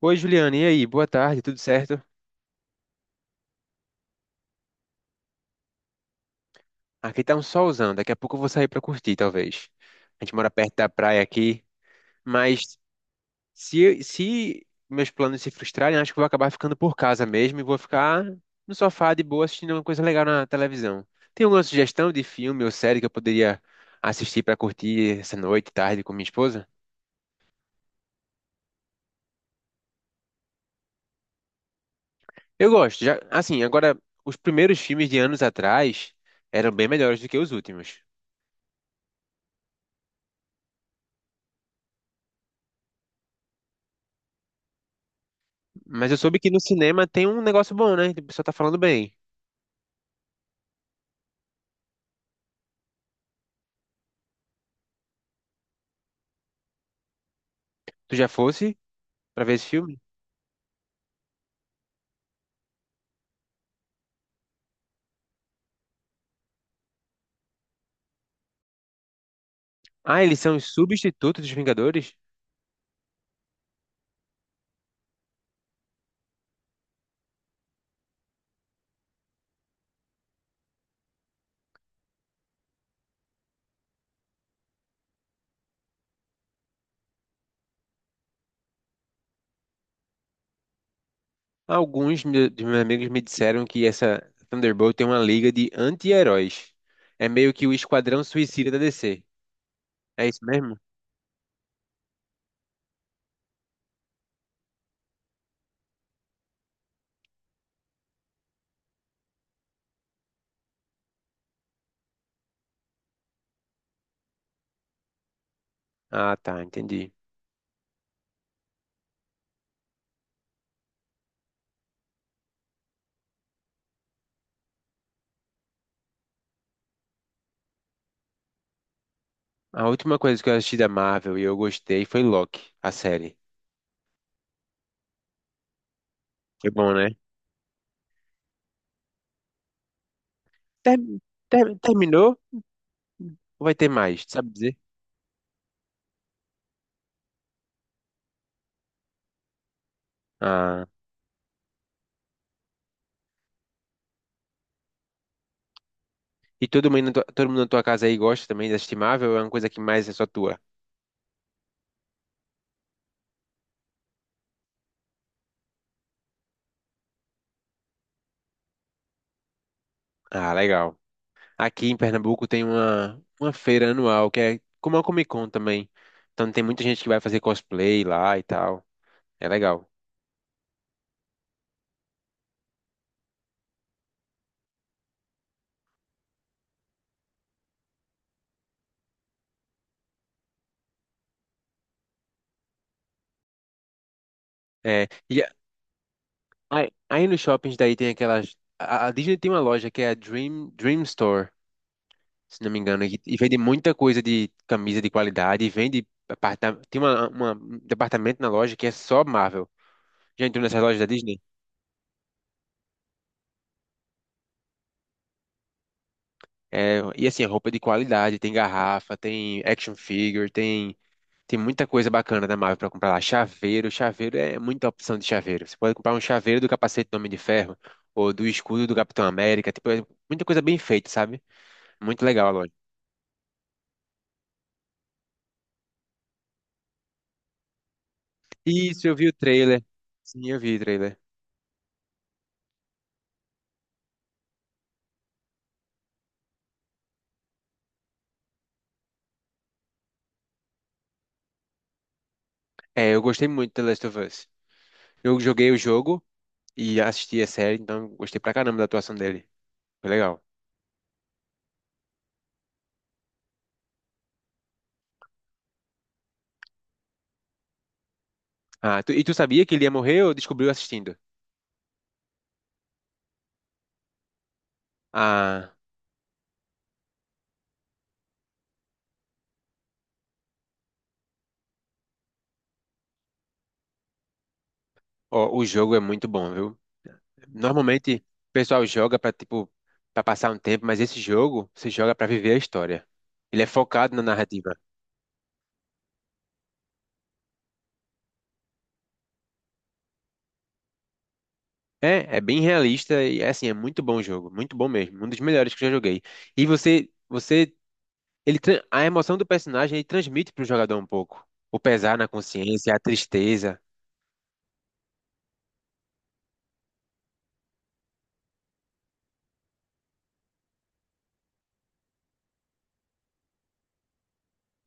Oi, Juliana, e aí? Boa tarde, tudo certo? Aqui tá um solzão, daqui a pouco eu vou sair pra curtir, talvez. A gente mora perto da praia aqui, mas se meus planos se frustrarem, acho que eu vou acabar ficando por casa mesmo e vou ficar no sofá de boa assistindo uma coisa legal na televisão. Tem alguma sugestão de filme ou série que eu poderia assistir pra curtir essa noite, tarde com minha esposa? Eu gosto, já, assim, agora os primeiros filmes de anos atrás eram bem melhores do que os últimos. Mas eu soube que no cinema tem um negócio bom, né? O pessoal tá falando bem. Tu já fosse pra ver esse filme? Ah, eles são os substitutos dos Vingadores? Dos meus amigos me disseram que essa Thunderbolt tem uma liga de anti-heróis. É meio que o Esquadrão Suicida da DC. É isso mesmo? Ah, tá, entendi. A última coisa que eu assisti da Marvel e eu gostei foi Loki, a série. Foi bom, né? Ter- Terminou ou vai ter mais? Tu sabe dizer? Ah. E todo mundo, todo mundo na tua casa aí gosta também, é estimável, ou é uma coisa que mais é só tua? Ah, legal. Aqui em Pernambuco tem uma feira anual, que é como a Comic Con também. Então tem muita gente que vai fazer cosplay lá e tal. É legal. É, e a- aí nos shoppings daí tem aquelas... A Disney tem uma loja que é a Dream Store, se não me engano, e vende muita coisa de camisa de qualidade, e vende... tem um departamento na loja que é só Marvel. Já entrou nessas lojas da Disney? É, e assim, é roupa de qualidade, tem garrafa, tem action figure, tem, tem muita coisa bacana da Marvel pra comprar lá. Chaveiro, chaveiro é muita opção de chaveiro. Você pode comprar um chaveiro do capacete do Homem de Ferro ou do escudo do Capitão América, tipo, é muita coisa bem feita, sabe? Muito legal a loja. Isso, eu vi o trailer. Sim, eu vi o trailer. É, eu gostei muito de The Last of Us. Eu joguei o jogo e assisti a série, então gostei pra caramba da atuação dele. Foi legal. Ah, e tu sabia que ele ia morrer ou descobriu assistindo? Ah, ó, o jogo é muito bom, viu? Normalmente o pessoal joga pra tipo para passar um tempo, mas esse jogo você joga pra viver a história. Ele é focado na narrativa. É, é bem realista e é assim, é muito bom o jogo, muito bom mesmo, um dos melhores que eu já joguei. E a emoção do personagem ele transmite pro jogador um pouco, o pesar na consciência, a tristeza.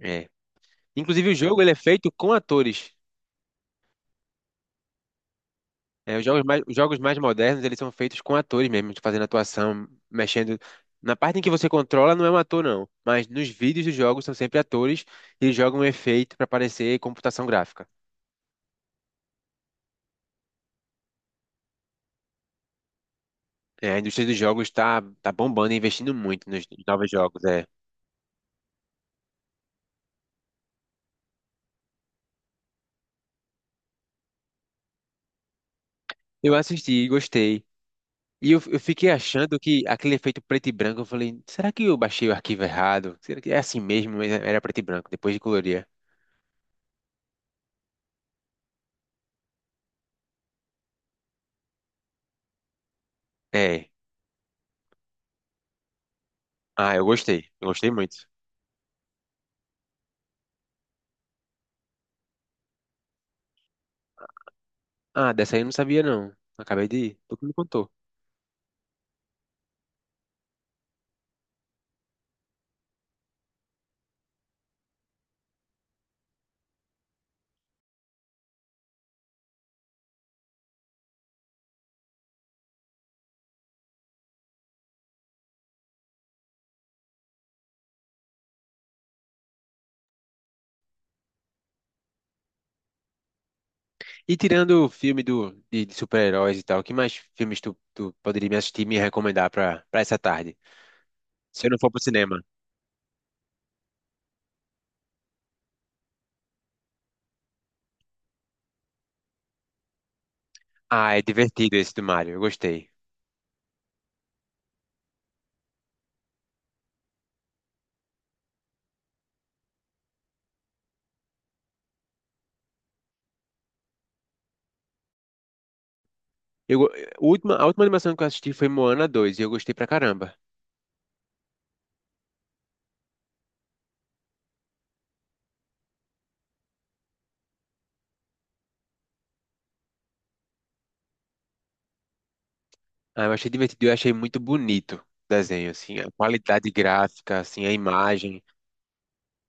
É. Inclusive o jogo ele é feito com atores. É, os jogos mais modernos, eles são feitos com atores mesmo, fazendo atuação, mexendo. Na parte em que você controla, não é um ator, não. Mas nos vídeos dos jogos são sempre atores e eles jogam um efeito para parecer computação gráfica. É, a indústria dos jogos está tá tá bombando e investindo muito nos novos jogos. É. Eu assisti e gostei. E eu fiquei achando que aquele efeito preto e branco, eu falei, será que eu baixei o arquivo errado? Será que é assim mesmo? Mas era preto e branco, depois de colorir. É. Ah, eu gostei. Eu gostei muito. Ah, dessa aí eu não sabia não. Acabei de ir. Tu que me contou. E tirando o filme de super-heróis e tal, que mais filmes tu poderia me assistir e me recomendar pra essa tarde? Se eu não for pro cinema. Ah, é divertido esse do Mario. Eu gostei. Eu, go- a última animação que eu assisti foi Moana 2 e eu gostei pra caramba. Ah, eu achei divertido. Eu achei muito bonito o desenho, assim. A qualidade gráfica, assim, a imagem.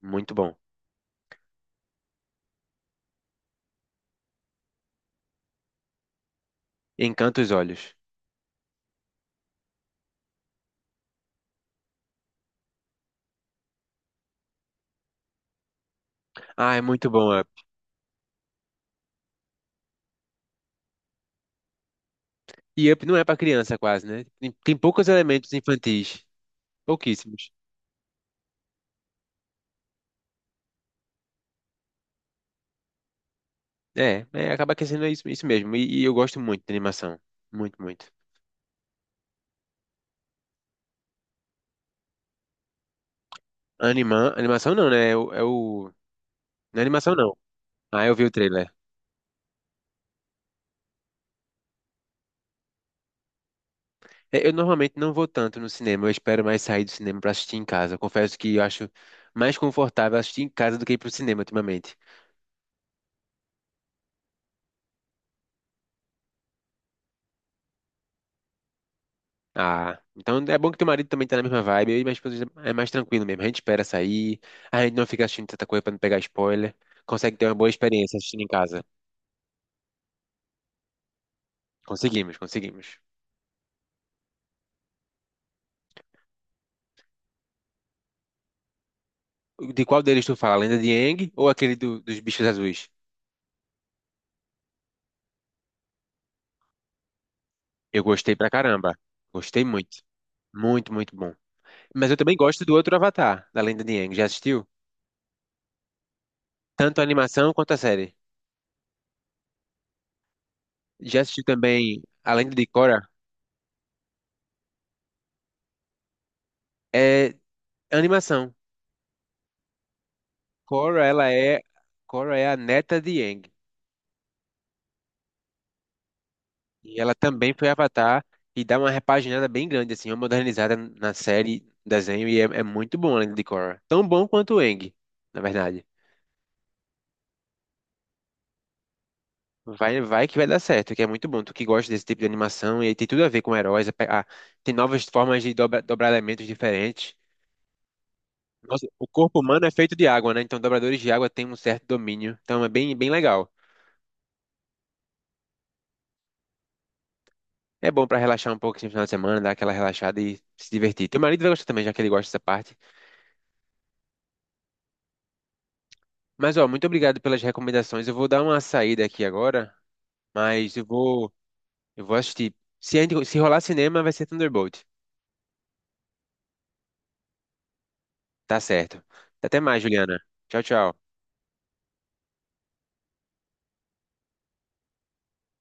Muito bom. Encanta os olhos. Ah, é muito bom. Up. E Up não é pra criança quase, né? Tem, tem poucos elementos infantis. Pouquíssimos. É, é, acaba que sendo isso, isso mesmo. E eu gosto muito de animação. Muito, muito. Animação não, né? Não é animação não. Ah, eu vi o trailer. É, eu normalmente não vou tanto no cinema, eu espero mais sair do cinema pra assistir em casa. Eu confesso que eu acho mais confortável assistir em casa do que ir pro cinema ultimamente. Ah, então é bom que teu marido também tá na mesma vibe, eu e minha esposa é mais tranquilo mesmo. A gente espera sair, a gente não fica assistindo tanta coisa pra não pegar spoiler. Consegue ter uma boa experiência assistindo em casa. Conseguimos, conseguimos. De qual deles tu fala? A Lenda de Aang ou aquele dos bichos azuis? Eu gostei pra caramba. Gostei muito. Muito, muito bom. Mas eu também gosto do outro Avatar, da Lenda de Aang. Já assistiu? Tanto a animação quanto a série. Já assisti também a Lenda de Korra. É animação. Korra, ela é, Korra é a neta de Aang. E ela também foi Avatar e dá uma repaginada bem grande, assim, uma modernizada na série, desenho, e é muito bom a Lenda de Korra. Tão bom quanto o Aang, na verdade. Vai, vai que vai dar certo, que é muito bom. Tu que gosta desse tipo de animação e tem tudo a ver com heróis. Tem novas formas de dobrar elementos diferentes. Nossa, o corpo humano é feito de água, né? Então dobradores de água têm um certo domínio. Então é bem, bem legal. É bom pra relaxar um pouco assim, no final de semana, dar aquela relaxada e se divertir. Teu marido vai gostar também, já que ele gosta dessa parte. Mas ó, muito obrigado pelas recomendações. Eu vou dar uma saída aqui agora, mas eu vou assistir. Se, a gente- se rolar cinema, vai ser Thunderbolt. Tá certo. Até mais, Juliana. Tchau, tchau.